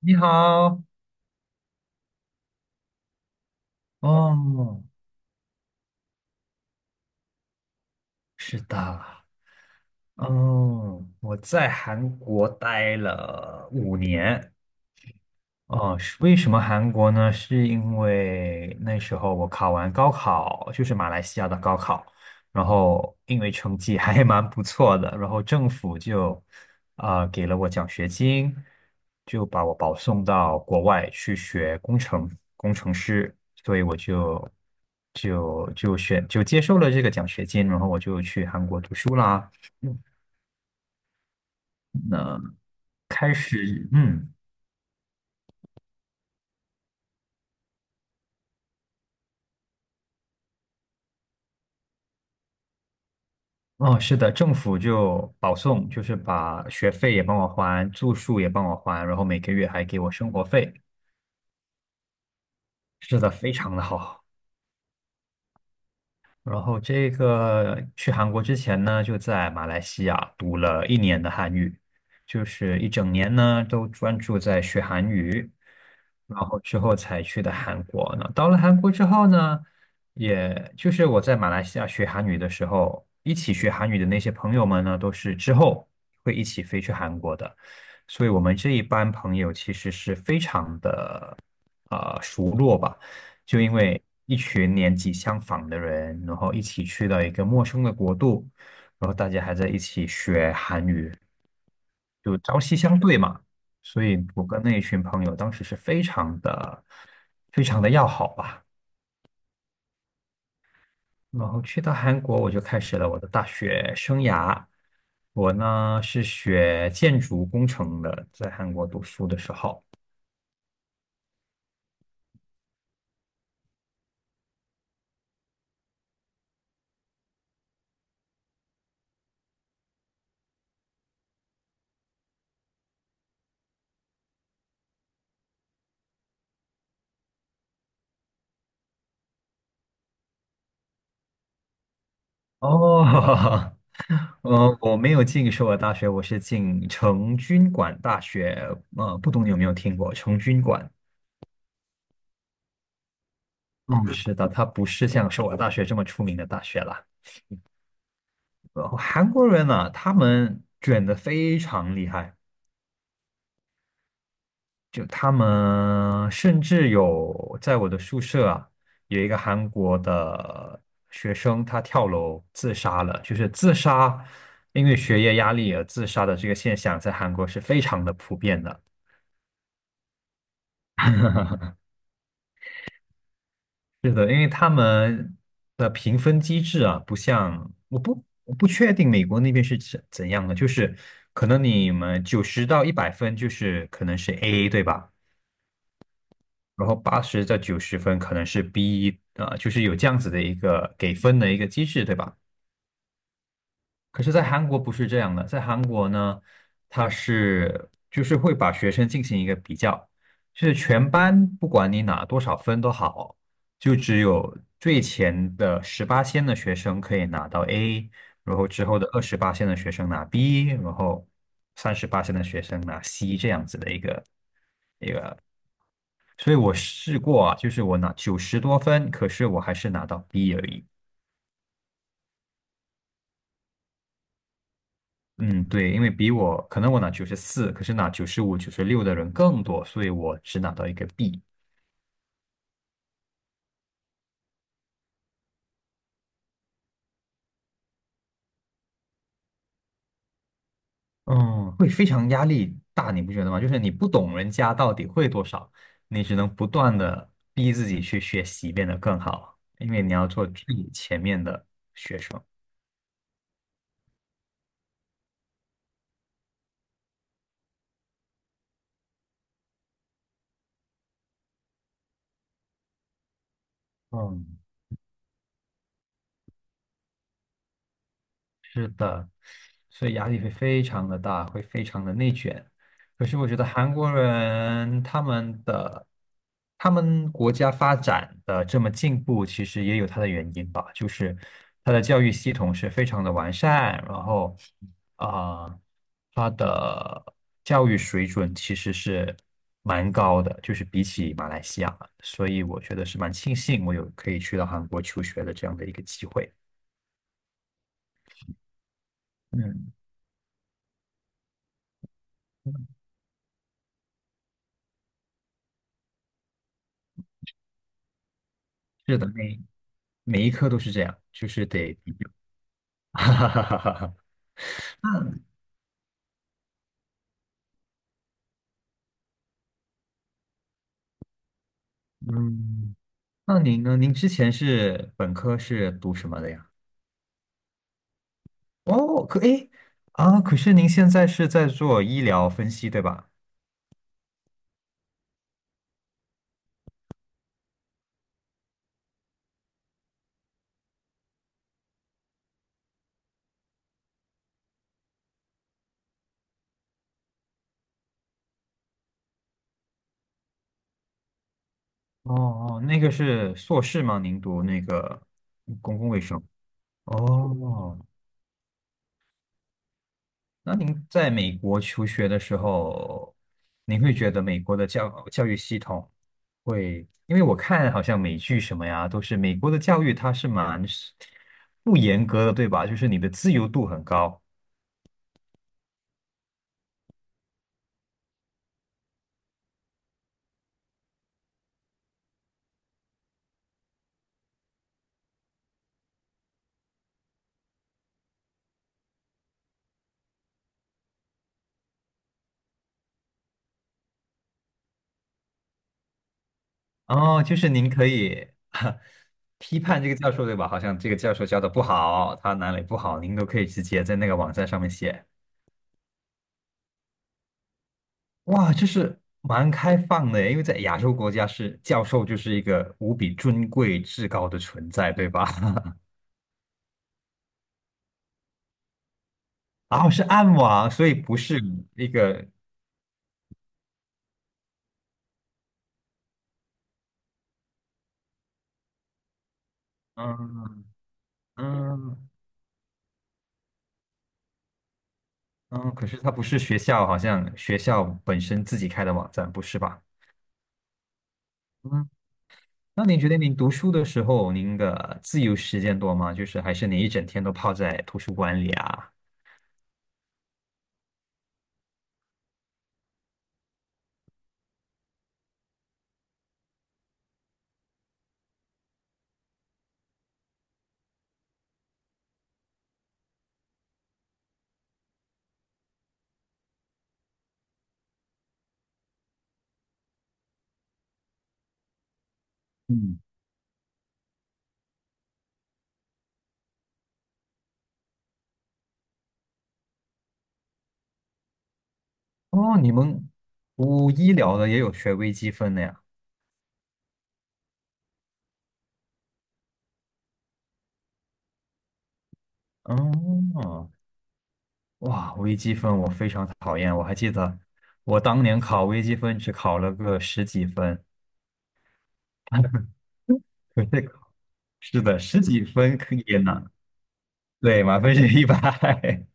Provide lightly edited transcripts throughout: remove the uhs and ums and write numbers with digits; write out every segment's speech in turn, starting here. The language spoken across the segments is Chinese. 你好。哦，是的。哦，我在韩国待了5年。哦，是为什么韩国呢？是因为那时候我考完高考，就是马来西亚的高考，然后因为成绩还蛮不错的，然后政府就给了我奖学金，就把我保送到国外去学工程工程师，所以我就接受了这个奖学金，然后我就去韩国读书啦。嗯开始嗯。哦，是的，政府就保送，就是把学费也帮我还，住宿也帮我还，然后每个月还给我生活费，是的非常的好。然后这个去韩国之前呢，就在马来西亚读了1年的韩语，就是一整年呢都专注在学韩语，然后之后才去的韩国呢。到了韩国之后呢，也就是我在马来西亚学韩语的时候，一起学韩语的那些朋友们呢，都是之后会一起飞去韩国的，所以我们这一班朋友其实是非常的。啊，熟络吧。就因为一群年纪相仿的人，然后一起去到一个陌生的国度，然后大家还在一起学韩语，就朝夕相对嘛。所以我跟那一群朋友当时是非常的、非常的要好吧。然后去到韩国，我就开始了我的大学生涯。我呢是学建筑工程的，在韩国读书的时候。哦，我没有进首尔大学，我是进成均馆大学。不懂你有没有听过成均馆？嗯，是的，它不是像首尔大学这么出名的大学啦。韩国人呢，他们卷得非常厉害，就他们甚至有在我的宿舍啊，有一个韩国的学生，他跳楼自杀了，就是自杀，因为学业压力而自杀的这个现象，在韩国是非常的普遍的。是的，因为他们的评分机制啊，不像我不确定美国那边是怎样的，就是可能你们90到100分就是可能是 A,对吧？然后80到90分可能是 B,就是有这样子的一个给分的一个机制，对吧？可是，在韩国不是这样的，在韩国呢，就是会把学生进行一个比较，就是全班不管你拿多少分都好，就只有最前的十八线的学生可以拿到 A,然后之后的28线的学生拿 B,然后38线的学生拿 C 这样子的一个。所以我试过啊，就是我拿90多分，可是我还是拿到 B 而已。嗯，对，因为比我可能我拿94，可是拿95、96的人更多，所以我只拿到一个 B。嗯，会非常压力大，你不觉得吗？就是你不懂人家到底会多少，你只能不断的逼自己去学习，变得更好，因为你要做最前面的学生。嗯，是的，所以压力会非常的大，会非常的内卷。可是我觉得韩国人他们国家发展的这么进步，其实也有它的原因吧，就是它的教育系统是非常的完善，然后啊、呃它的教育水准其实是蛮高的，就是比起马来西亚，所以我觉得是蛮庆幸我有可以去到韩国求学的这样的一个机会。嗯。是的，每一科都是这样，就是得比较 哈哈哈哈哈。那嗯，那您呢？您之前是本科是读什么的呀？哦，可诶啊，可是您现在是在做医疗分析，对吧？哦哦，那个是硕士吗？您读那个公共卫生？哦，那您在美国求学的时候，您会觉得美国的教育系统因为我看好像美剧什么呀，都是美国的教育它是蛮是不严格的，对吧？就是你的自由度很高。哦，就是您可以 批判这个教授，对吧？好像这个教授教的不好，他哪里不好，您都可以直接在那个网站上面写。哇，就是蛮开放的耶，因为在亚洲国家是教授就是一个无比尊贵至高的存在，对吧？然后是暗网，所以不是一个。嗯嗯嗯，可是它不是学校，好像学校本身自己开的网站，不是吧？嗯，那您觉得您读书的时候，您的自由时间多吗？就是还是你一整天都泡在图书馆里啊？嗯。哦，你们读医疗的也有学微积分的呀？哦，哇，微积分我非常讨厌，我还记得我当年考微积分只考了个十几分。可是是的，十几分可以也拿。对，满分是一百。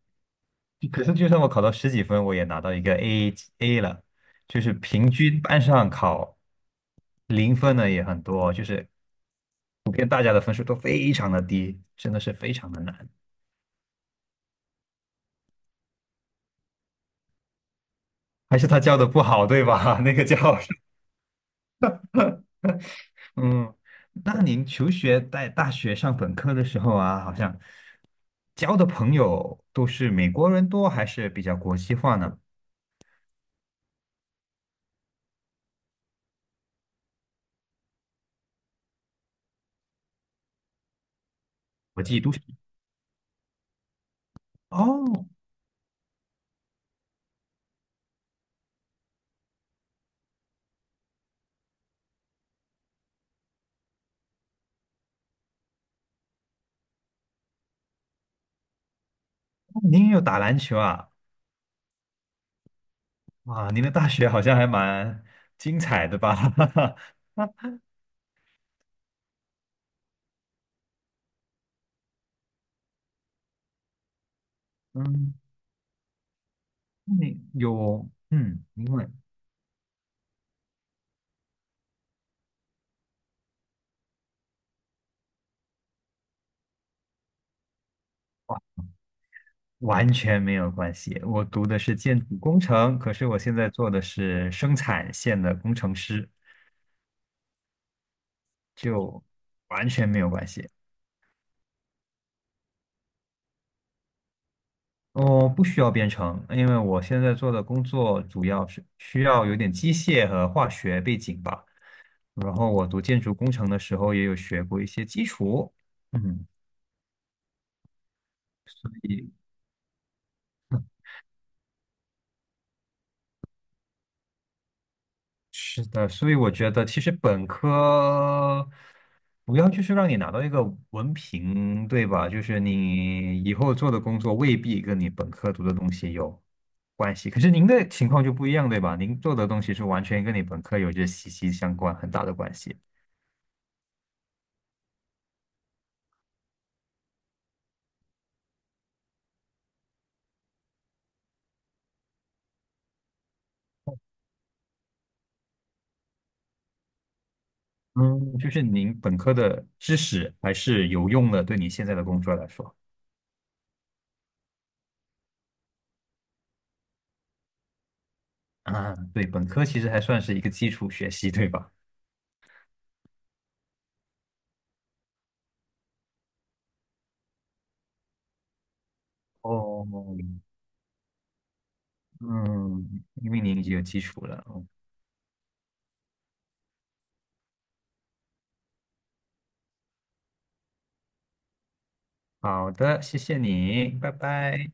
可是就算我考到十几分，我也拿到一个 A 了，就是平均班上考0分的也很多，就是普遍大家的分数都非常的低，真的是非常的难。还是他教的不好，对吧？那个教授。嗯，那您求学在大学上本科的时候啊，好像交的朋友都是美国人多，还是比较国际化呢？国际都市哦。哦，您也有打篮球啊？哇，您的大学好像还蛮精彩的吧？嗯，那你有，因为完全没有关系。我读的是建筑工程，可是我现在做的是生产线的工程师，就完全没有关系。我不需要编程，因为我现在做的工作主要是需要有点机械和化学背景吧。然后我读建筑工程的时候也有学过一些基础。嗯。所以。是的，所以我觉得其实本科主要就是让你拿到一个文凭，对吧？就是你以后做的工作未必跟你本科读的东西有关系。可是您的情况就不一样，对吧？您做的东西是完全跟你本科有着息息相关，很大的关系。嗯，就是您本科的知识还是有用的，对你现在的工作来说。啊，对，本科其实还算是一个基础学习，对吧？哦，嗯，因为您已经有基础了。好的，谢谢你，拜拜。